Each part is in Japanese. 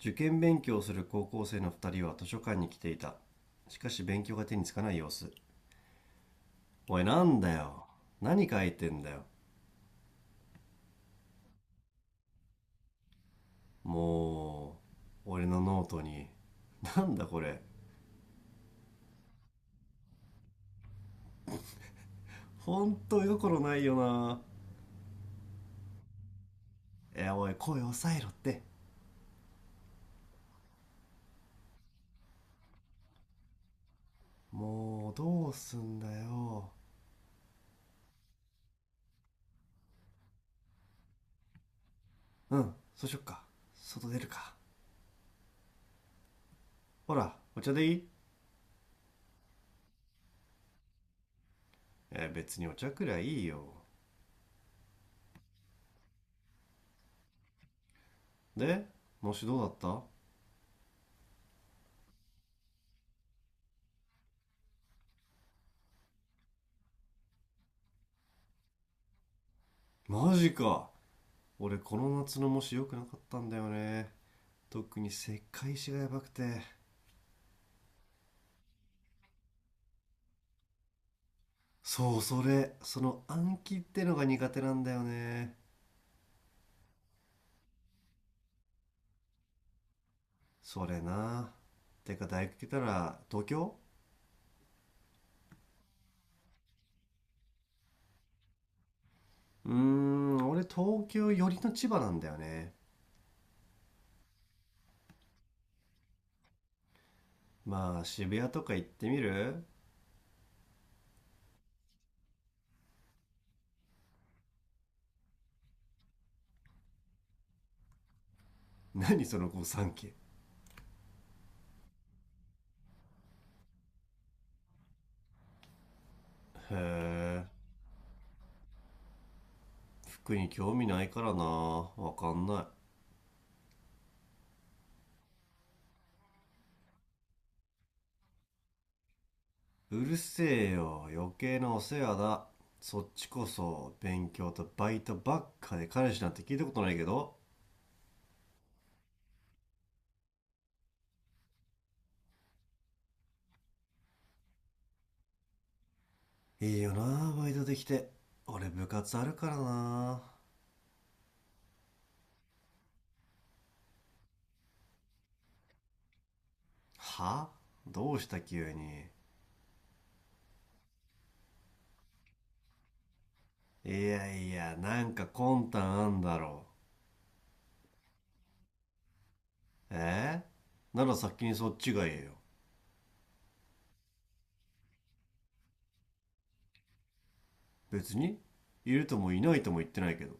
受験勉強をする高校生の二人は図書館に来ていた。しかし勉強が手につかない様子。おい、なんだよ。何書いてんだよ。もう、俺のノートに。なんだこれ。ほんと絵心ないよな。え、おい、声抑えろって。もう、どうすんだよ。うん、そうしよっか。外出るか。ほら、お茶でいい。え、別にお茶くらいいいよ。で、模試どうだった？マジか。俺、この夏の模試良くなかったんだよね。特に世界史がやばくて。そう、それ、その暗記ってのが苦手なんだよね。それな。てか大学来たら東京？うーん、俺東京寄りの千葉なんだよね。まあ渋谷とか行ってみる？何その御三家。へえ、服に興味ないからな。わかんない。うるせえよ、余計なお世話だ。そっちこそ勉強とバイトばっかで彼氏なんて聞いたことないけど。いいよなバイトできて。俺部活あるからな。は？どうした急に。いやいや、なんか魂胆あんだろ。えー、なら先にそっちが言えよ。別にいるともいないとも言ってないけど。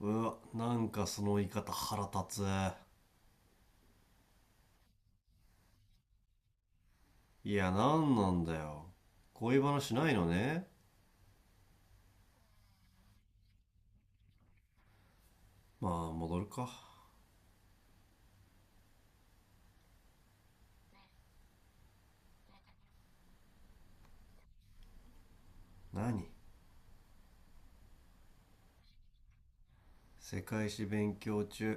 うわ、なんかその言い方腹立つ。いや、なんなんだよ。恋話ないのね。まあ戻るか。何。世界史勉強中。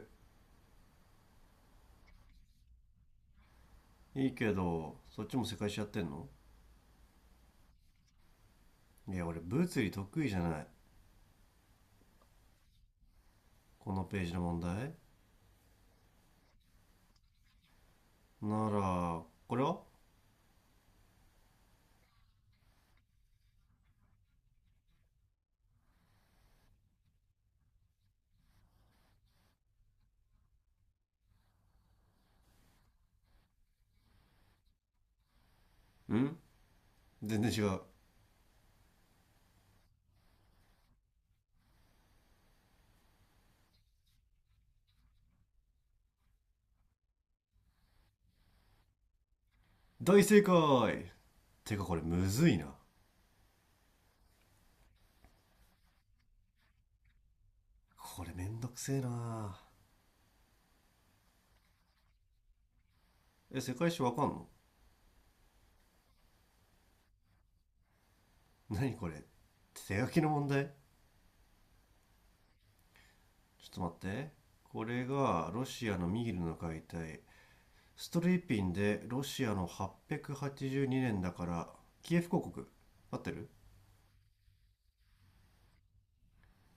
いいけど、そっちも世界史やってんの？いや、俺物理得意じゃない。このページの問題。ならこれは。うん。全然違う。大正解。てかこれむずいな。これめんどくせえな。え、世界史わかんの？何これ。手書きの問題。ちょっと待って。これがロシアのミールの解体。ストリーピンでロシアの882年だから、キエフ公国。合ってる？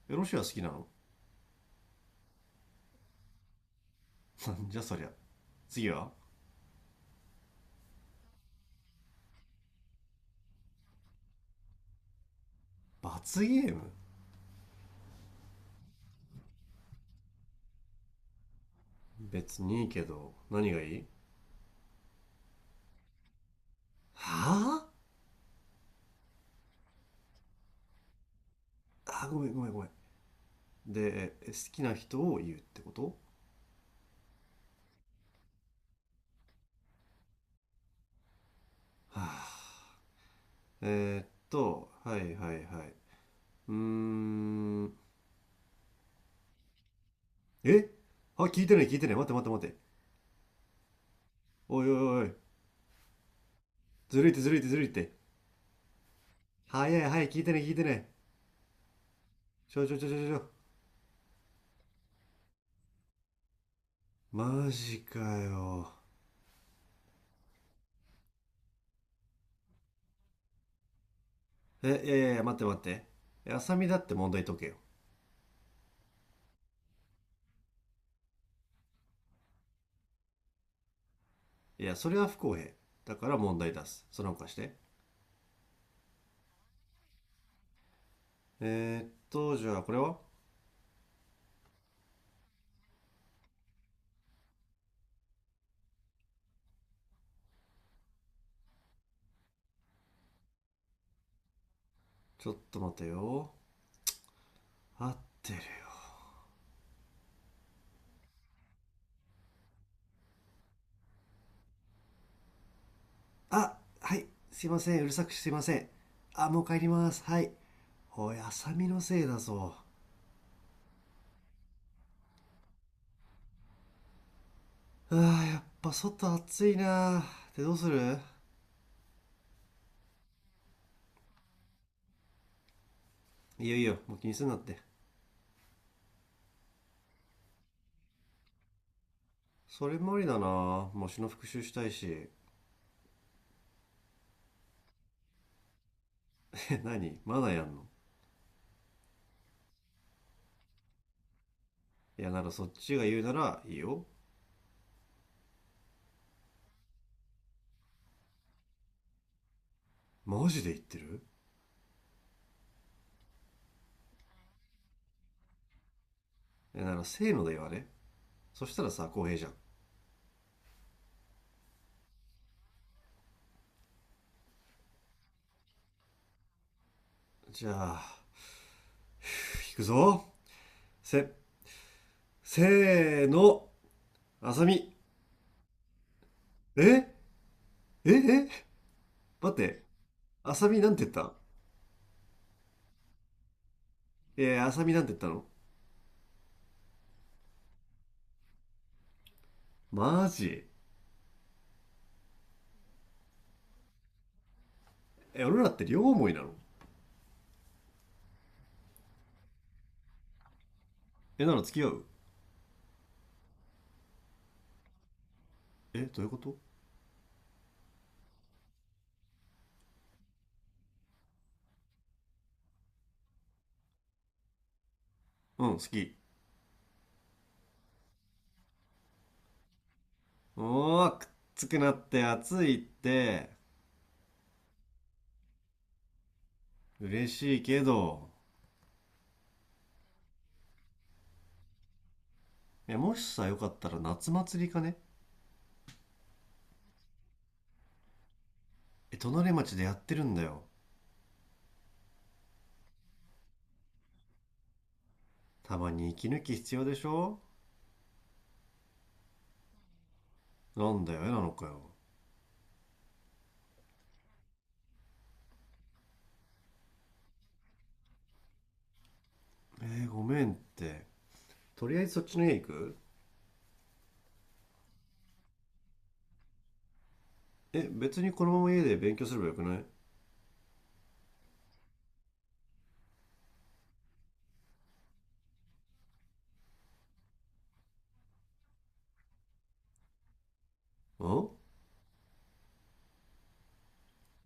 え、ロシア好きなの？なん じゃそりゃ。次は。罰ゲーム？別にいいけど、何がいい？はぁあ、あ、ごめんごめんごめん。で、好きな人を言うってこと？はあ、はいはいはい。うーん。え、あ、聞いてない聞いてない。待って待って待って。おいおいおい。ずるいってずるいってずるいって。早い早い、聞いてない聞いてない。ちょちょちょちょちょ。マジかよ。え、いやいやいや、待って待って。え、浅見だって問題解けよ。いや、それは不公平。だから問題出す。その他して。じゃあこれは。ちょっと待てよ。合ってる。あ、はい、すいません、うるさくしてすいません。あ、もう帰ります、はい。おい、浅見のせいだぞ。ああ、やっぱ外暑いなぁ。で、どうする？いいよいいよ、もう気にすんなって。それもありだなぁ、模試の復習したいし。え、何、まだやんの？いや、ならそっちが言うならいいよ。マジで言ってる？いや、ならせーので言わね。そしたらさ、公平じゃん。じゃあ、行くぞ。せ、せーの、あさみ。えええ、待って、あさみなんて言った？えー、浅見なんて言ったの？マジ？え、俺らって両思いなの？え、なら付き合う？え、どういうこと？うん、好き。おー、くっつくなって、暑いって。嬉しいけど。え、もしさ、よかったら夏祭りかね。え、隣町でやってるんだよ。たまに息抜き必要でしょ？なんだよ、えなのかよ。えー、ごめんって。とりあえずそっちの家行く？え、別にこのまま家で勉強すればよくないん？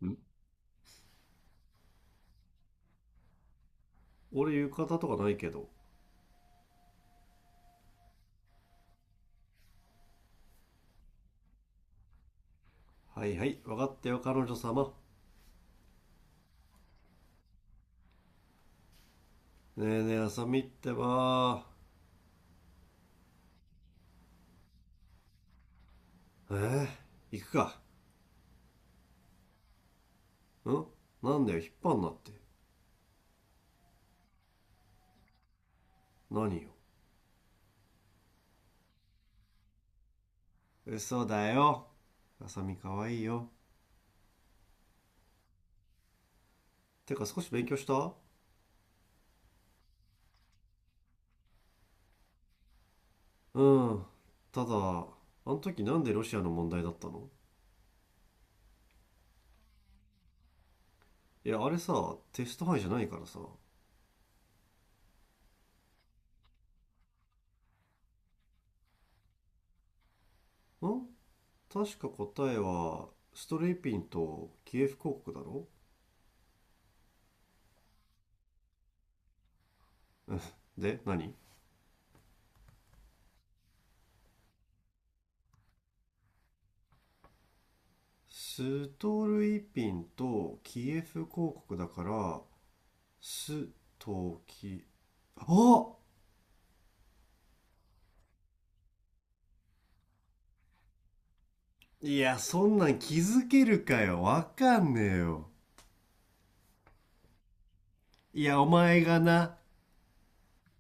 ん、俺浴衣とかないけど。はいはい、分かったよ、彼女様。ねえねえ、浅見ってば。えー、行くか。ん、なんだよ、引っ張んなって。何よ。嘘だよ。浅見可愛いよ。てか少し勉強した？うん。ただ、あの時なんでロシアの問題だったの？いや、あれさ、テスト範囲じゃないからさ。ん、確か答えは、ストルイピンとキエフ公国だろ？うん で、何？ストルイピンとキエフ公国だから、スとキ。お。いや、そんなん気づけるかよ。わかんねえよ。いや、お前がな、